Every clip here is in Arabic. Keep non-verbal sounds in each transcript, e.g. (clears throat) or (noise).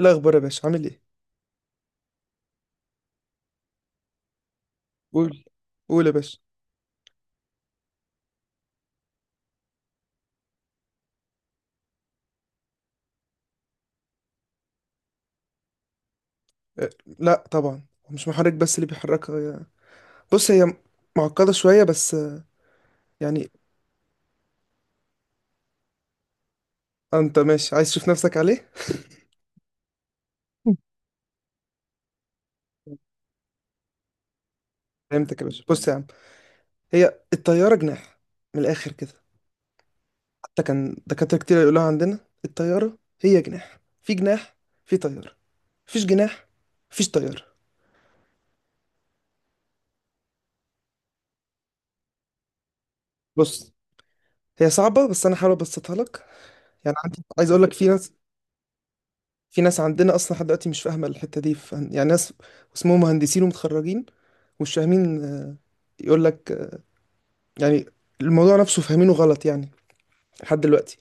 إيه الأخبار يا باشا، عامل إيه؟ قول، قول يا باشا. أه، لا طبعا، مش محرك بس اللي بيحركها بص، هي معقدة شوية بس يعني. أنت ماشي عايز تشوف نفسك عليه؟ فهمتك يا باشا، بص يا عم، هي الطيارة جناح، من الآخر كده. حتى كان دكاترة كتير يقولوها عندنا، الطيارة هي جناح في جناح، في طيارة مفيش جناح، مفيش طيارة. بص، هي صعبة بس أنا هحاول أبسطها لك. يعني عندي، عايز أقول لك، في ناس، في ناس عندنا اصلا لحد دلوقتي مش فاهمه الحته دي يعني ناس اسمهم مهندسين ومتخرجين ومش فاهمين. يقول لك يعني الموضوع نفسه فاهمينه غلط يعني، لحد دلوقتي،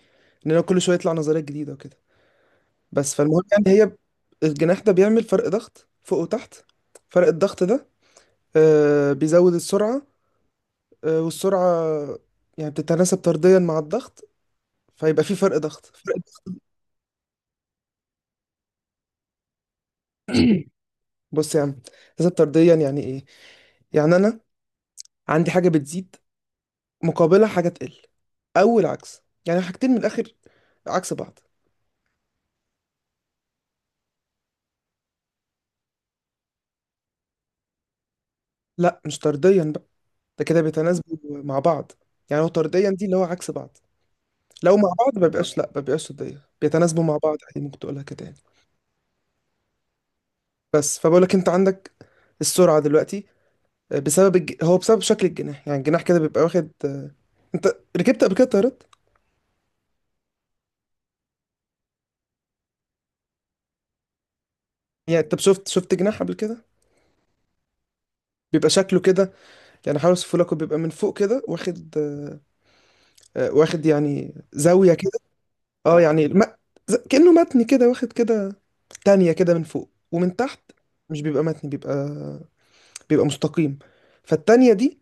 اننا كل شويه يطلع نظريات جديده وكده. بس فالمهم يعني، هي الجناح ده بيعمل فرق ضغط فوق وتحت. فرق الضغط ده بيزود السرعه، والسرعه يعني بتتناسب طرديا مع الضغط، فيبقى في فرق ضغط، فرق. بص يا عم، تناسب طرديا يعني ايه؟ يعني انا عندي حاجه بتزيد مقابلها حاجة تقل، أو العكس، يعني حاجتين من الآخر عكس بعض. لا، مش طرديا بقى، ده كده بيتناسبوا مع بعض. يعني هو طرديا دي اللي هو عكس بعض، لو مع بعض ما بيبقاش، لا ما بيبقاش طرديا، بيتناسبوا مع بعض عادي، ممكن تقولها كده يعني. بس فبقول لك، أنت عندك السرعة دلوقتي بسبب هو بسبب شكل الجناح، يعني الجناح كده بيبقى واخد أنت ركبت قبل كده طيارات؟ يعني أنت شفت جناح قبل كده؟ بيبقى شكله كده، يعني حاول أوصفه لك، بيبقى من فوق كده واخد واخد يعني زاوية. اه يعني الم... كأنه متن كده واخد كده، تانية كده من فوق ومن تحت. مش بيبقى متن، بيبقى مستقيم. فالتانية دي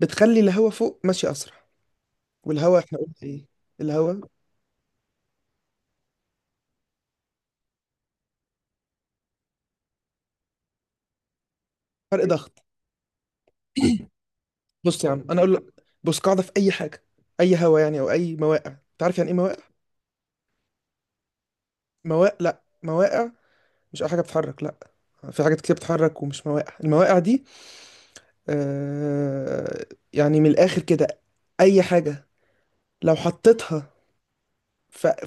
بتخلي الهواء فوق ماشي أسرع. والهواء احنا قلنا ايه؟ الهواء فرق ضغط. بص يا عم، انا اقول لك، بص، قاعدة في اي حاجة، اي هواء يعني، او اي مواقع، انت عارف يعني ايه مواقع؟ مواقع، لا مواقع مش اي حاجة بتتحرك، لا، في حاجات كتير بتتحرك ومش مواقع. المواقع دي آه يعني من الاخر كده، اي حاجة لو حطيتها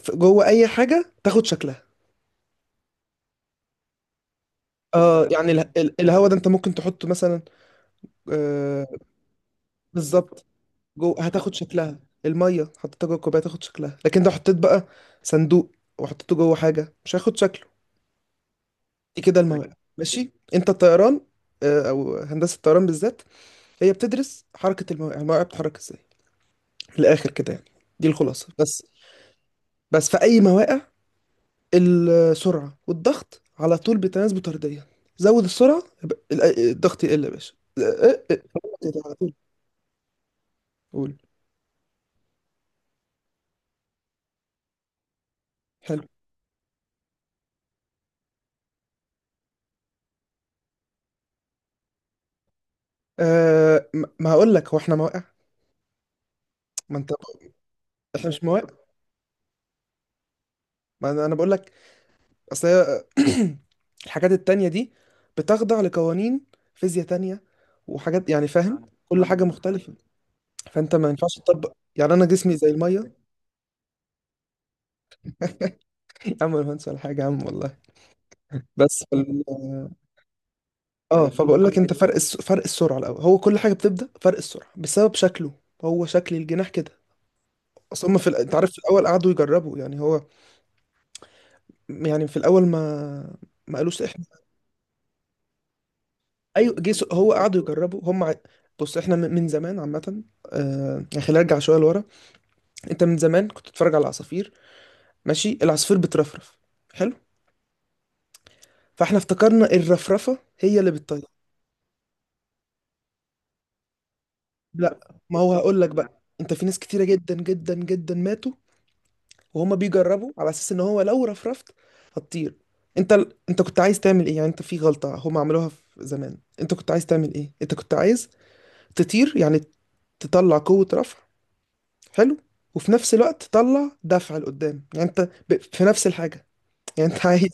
فجوه، اي حاجه تاخد شكلها. الهوا ده انت ممكن تحطه مثلا آه بالظبط. جوه هتاخد شكلها. الميه حطيتها جوه الكوبايه تاخد شكلها، لكن لو حطيت بقى صندوق وحطيته جوه حاجه، مش هياخد شكله. دي كده المواد. ماشي، انت الطيران او هندسه الطيران بالذات، هي بتدرس حركه الموائع. الموائع بتتحرك ازاي، من الاخر كده يعني، دي الخلاصه بس. بس في اي مواقع، السرعة والضغط على طول بتناسبه طرديا. زود السرعة يبقى الضغط يقل يا باشا. اه، كده على طول. قول. حلو. ما هقول لك، هو احنا مواقع، ما انت احنا مش مواقع. ما انا أنا بقول لك، اصل هي (clears throat) الحاجات التانية دي بتخضع لقوانين فيزياء تانية، وحاجات يعني، فاهم، كل حاجة مختلفة. فانت ما ينفعش تطبق يعني، انا جسمي زي المية. (laughs) يا عم، مهندس ولا حاجة يا عم والله. بس في اه فبقول لك انت فرق السرعه الاول، هو كل حاجه بتبدا فرق السرعه بسبب شكله. هو شكل الجناح كده. اصل هم في انت عارف، في الاول قعدوا يجربوا يعني هو، يعني في الاول ما قالوش احنا. ايوه هو قعدوا يجربوا هم بص احنا من زمان عامه. يعني خلينا نرجع شويه لورا. انت من زمان كنت تتفرج على العصافير، ماشي، العصفور بترفرف، حلو. فاحنا افتكرنا الرفرفه هي اللي بتطير. لا ما هو هقول لك بقى، انت في ناس كتيره جدا جدا جدا ماتوا وهما بيجربوا على اساس ان هو لو رفرفت هتطير. انت انت كنت عايز تعمل ايه يعني؟ انت في غلطة هما عملوها في زمان. انت كنت عايز تعمل ايه؟ انت كنت عايز تطير يعني، تطلع قوة رفع، حلو، وفي نفس الوقت تطلع دفع لقدام. يعني انت في نفس الحاجة. يعني انت عايز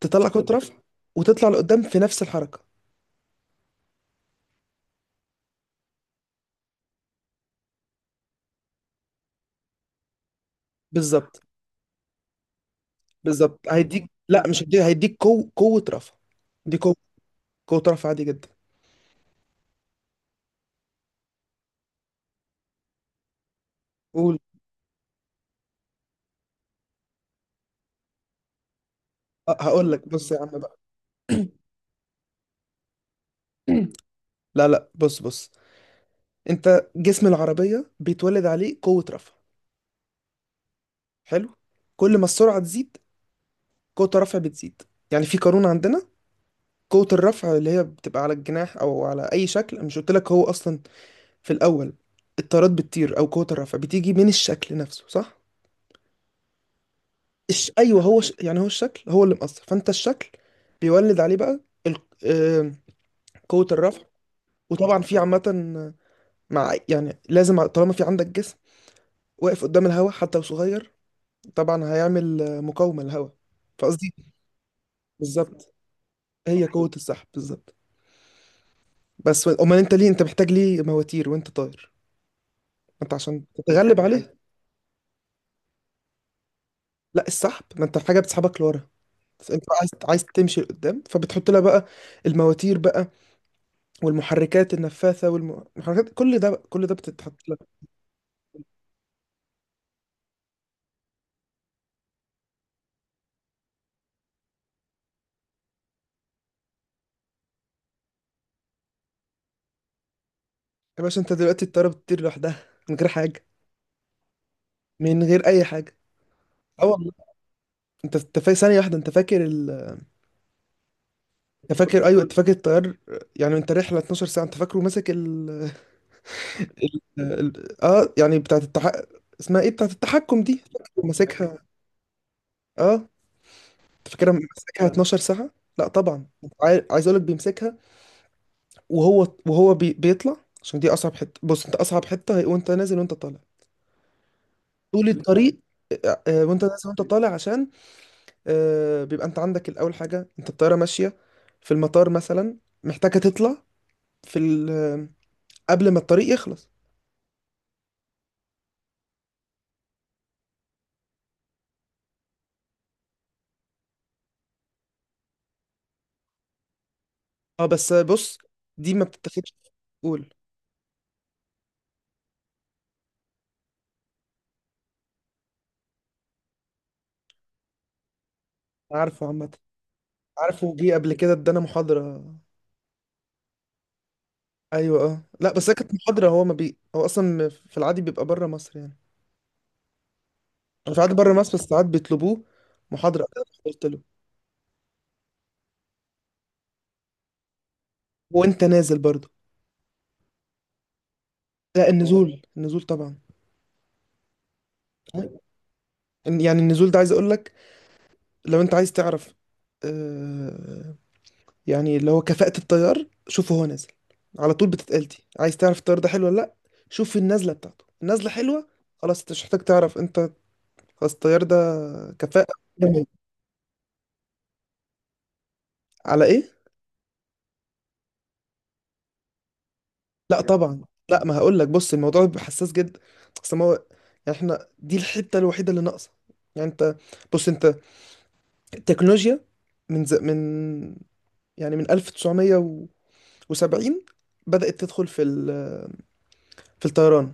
تطلع قوة رفع وتطلع لقدام في نفس الحركة. بالظبط. بالظبط هيديك، لا مش هيديك، هيديك قوة رفع. دي قوة، قوة رفع عادي جدا. قول. هقول لك، بص يا عم بقى. (clears throat) لا لا، بص، بص، انت جسم العربية بيتولد عليه قوة رفع، حلو. كل ما السرعة تزيد، قوة الرفع بتزيد. يعني في قانون عندنا، قوة الرفع اللي هي بتبقى على الجناح او على اي شكل. أنا مش قلت لك هو اصلا في الاول الطارات بتطير، او قوة الرفع بتيجي من الشكل نفسه، صح. ايوه هو يعني هو الشكل هو اللي مأثر. فانت الشكل بيولد عليه بقى ال... آه... قوة الرفع. وطبعا في عامة، مع يعني، لازم، طالما في عندك جسم واقف قدام الهواء حتى لو صغير، طبعا هيعمل مقاومة للهواء. فقصدي بالظبط، هي قوة السحب بالظبط. بس امال انت ليه، انت محتاج ليه مواتير وانت طاير؟ ما انت عشان تتغلب عليه. لا السحب، ما انت حاجة بتسحبك لورا. فانت عايز، عايز تمشي لقدام، فبتحط لها بقى المواتير بقى، والمحركات النفاثة والمحركات، كل ده بقى، كل ده بتتحط لها. يا باشا، انت دلوقتي الطيارة بتطير لوحدها من غير حاجة، من غير اي حاجة. اه والله. انت ثانية واحدة، انت فاكر انت فاكر، ايوه، انت فاكر الطيار، يعني انت رحلة 12 ساعة، انت فاكره ماسك اه يعني بتاعت اسمها ايه بتاعت التحكم دي، ماسكها؟ اه. أنت فاكرها ماسكها 12 ساعة؟ لا طبعا. عايز اقول لك، بيمسكها وهو بيطلع، عشان دي اصعب حتة. بص، انت اصعب حتة هي وانت نازل وانت طالع، طول الطريق. وانت نازل وانت طالع، عشان بيبقى انت عندك الاول حاجة. انت الطيارة ماشية في المطار مثلا، محتاجة تطلع في ال... آه، قبل ما الطريق يخلص. اه بس بص، دي ما بتتاخدش. قول. عارفه عامة، عارفه، جه قبل كده ادانا محاضرة. ايوه اه، لا بس هي كانت محاضرة، هو ما بي هو اصلا في العادي بيبقى بره مصر يعني. أنا في العادي بره مصر، بس ساعات بيطلبوه محاضرة. قلت له. وانت نازل برضه. لا، النزول، النزول طبعا. يعني النزول ده، عايز اقول لك، لو انت عايز تعرف آه يعني اللي هو كفاءة الطيار، شوفه هو نازل، على طول بتتقال دي، عايز تعرف الطيار ده حلو ولا لا، شوف النازلة بتاعته، النازلة حلوة خلاص، انت مش محتاج تعرف انت، خلاص الطيار ده كفاءة. على ايه؟ لا طبعا. لا ما هقول لك، بص، الموضوع بيبقى حساس جدا. اصل ما هو، يعني احنا دي الحته الوحيده اللي ناقصه. يعني انت، بص، انت التكنولوجيا، من من يعني من 1970 بدأت تدخل في في الطيران.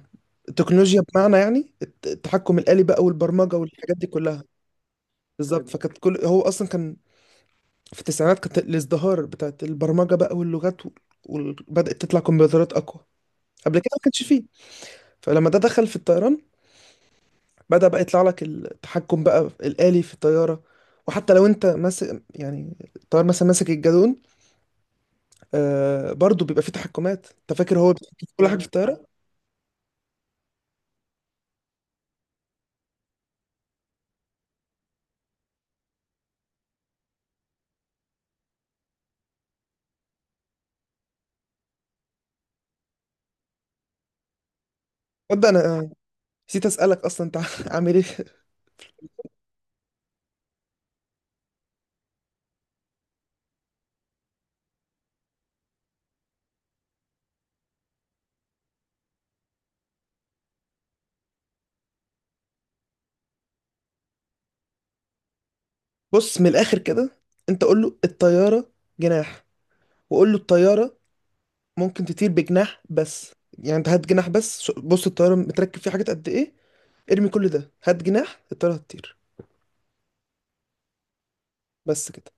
التكنولوجيا بمعنى يعني التحكم الآلي بقى، والبرمجة والحاجات دي كلها. بالظبط، فكانت كل، هو اصلا كان في التسعينات كانت الازدهار بتاعت البرمجة بقى واللغات، وبدأت تطلع كمبيوترات اقوى. قبل كده ما كانش فيه. فلما ده دخل في الطيران، بدأ بقى يطلع لك التحكم بقى الآلي في الطيارة. وحتى لو انت ماسك، يعني الطيار مثلا ماسك الجالون، آه برضو بيبقى فيه تحكمات. انت فاكر هو بيتحكم في كل حاجة في الطيارة؟ تصدق انا نسيت اسألك اصلا، انت (laughs) عامل ايه؟ بص، من الآخر كده، انت قول له الطيارة جناح، وقول له الطيارة ممكن تطير بجناح بس. يعني انت هات جناح بس، بص الطيارة متركب فيه حاجات قد ايه، ارمي كل ده، هات جناح، الطيارة هتطير. بس كده.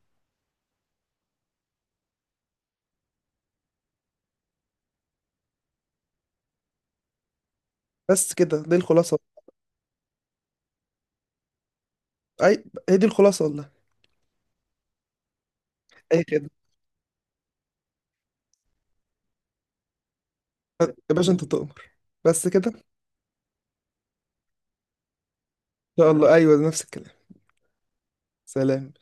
بس كده دي الخلاصة. اي، هي دي الخلاصة والله. اي خدمة. يا باشا انت تؤمر. بس كده ان شاء الله. ايوه نفس الكلام. سلام.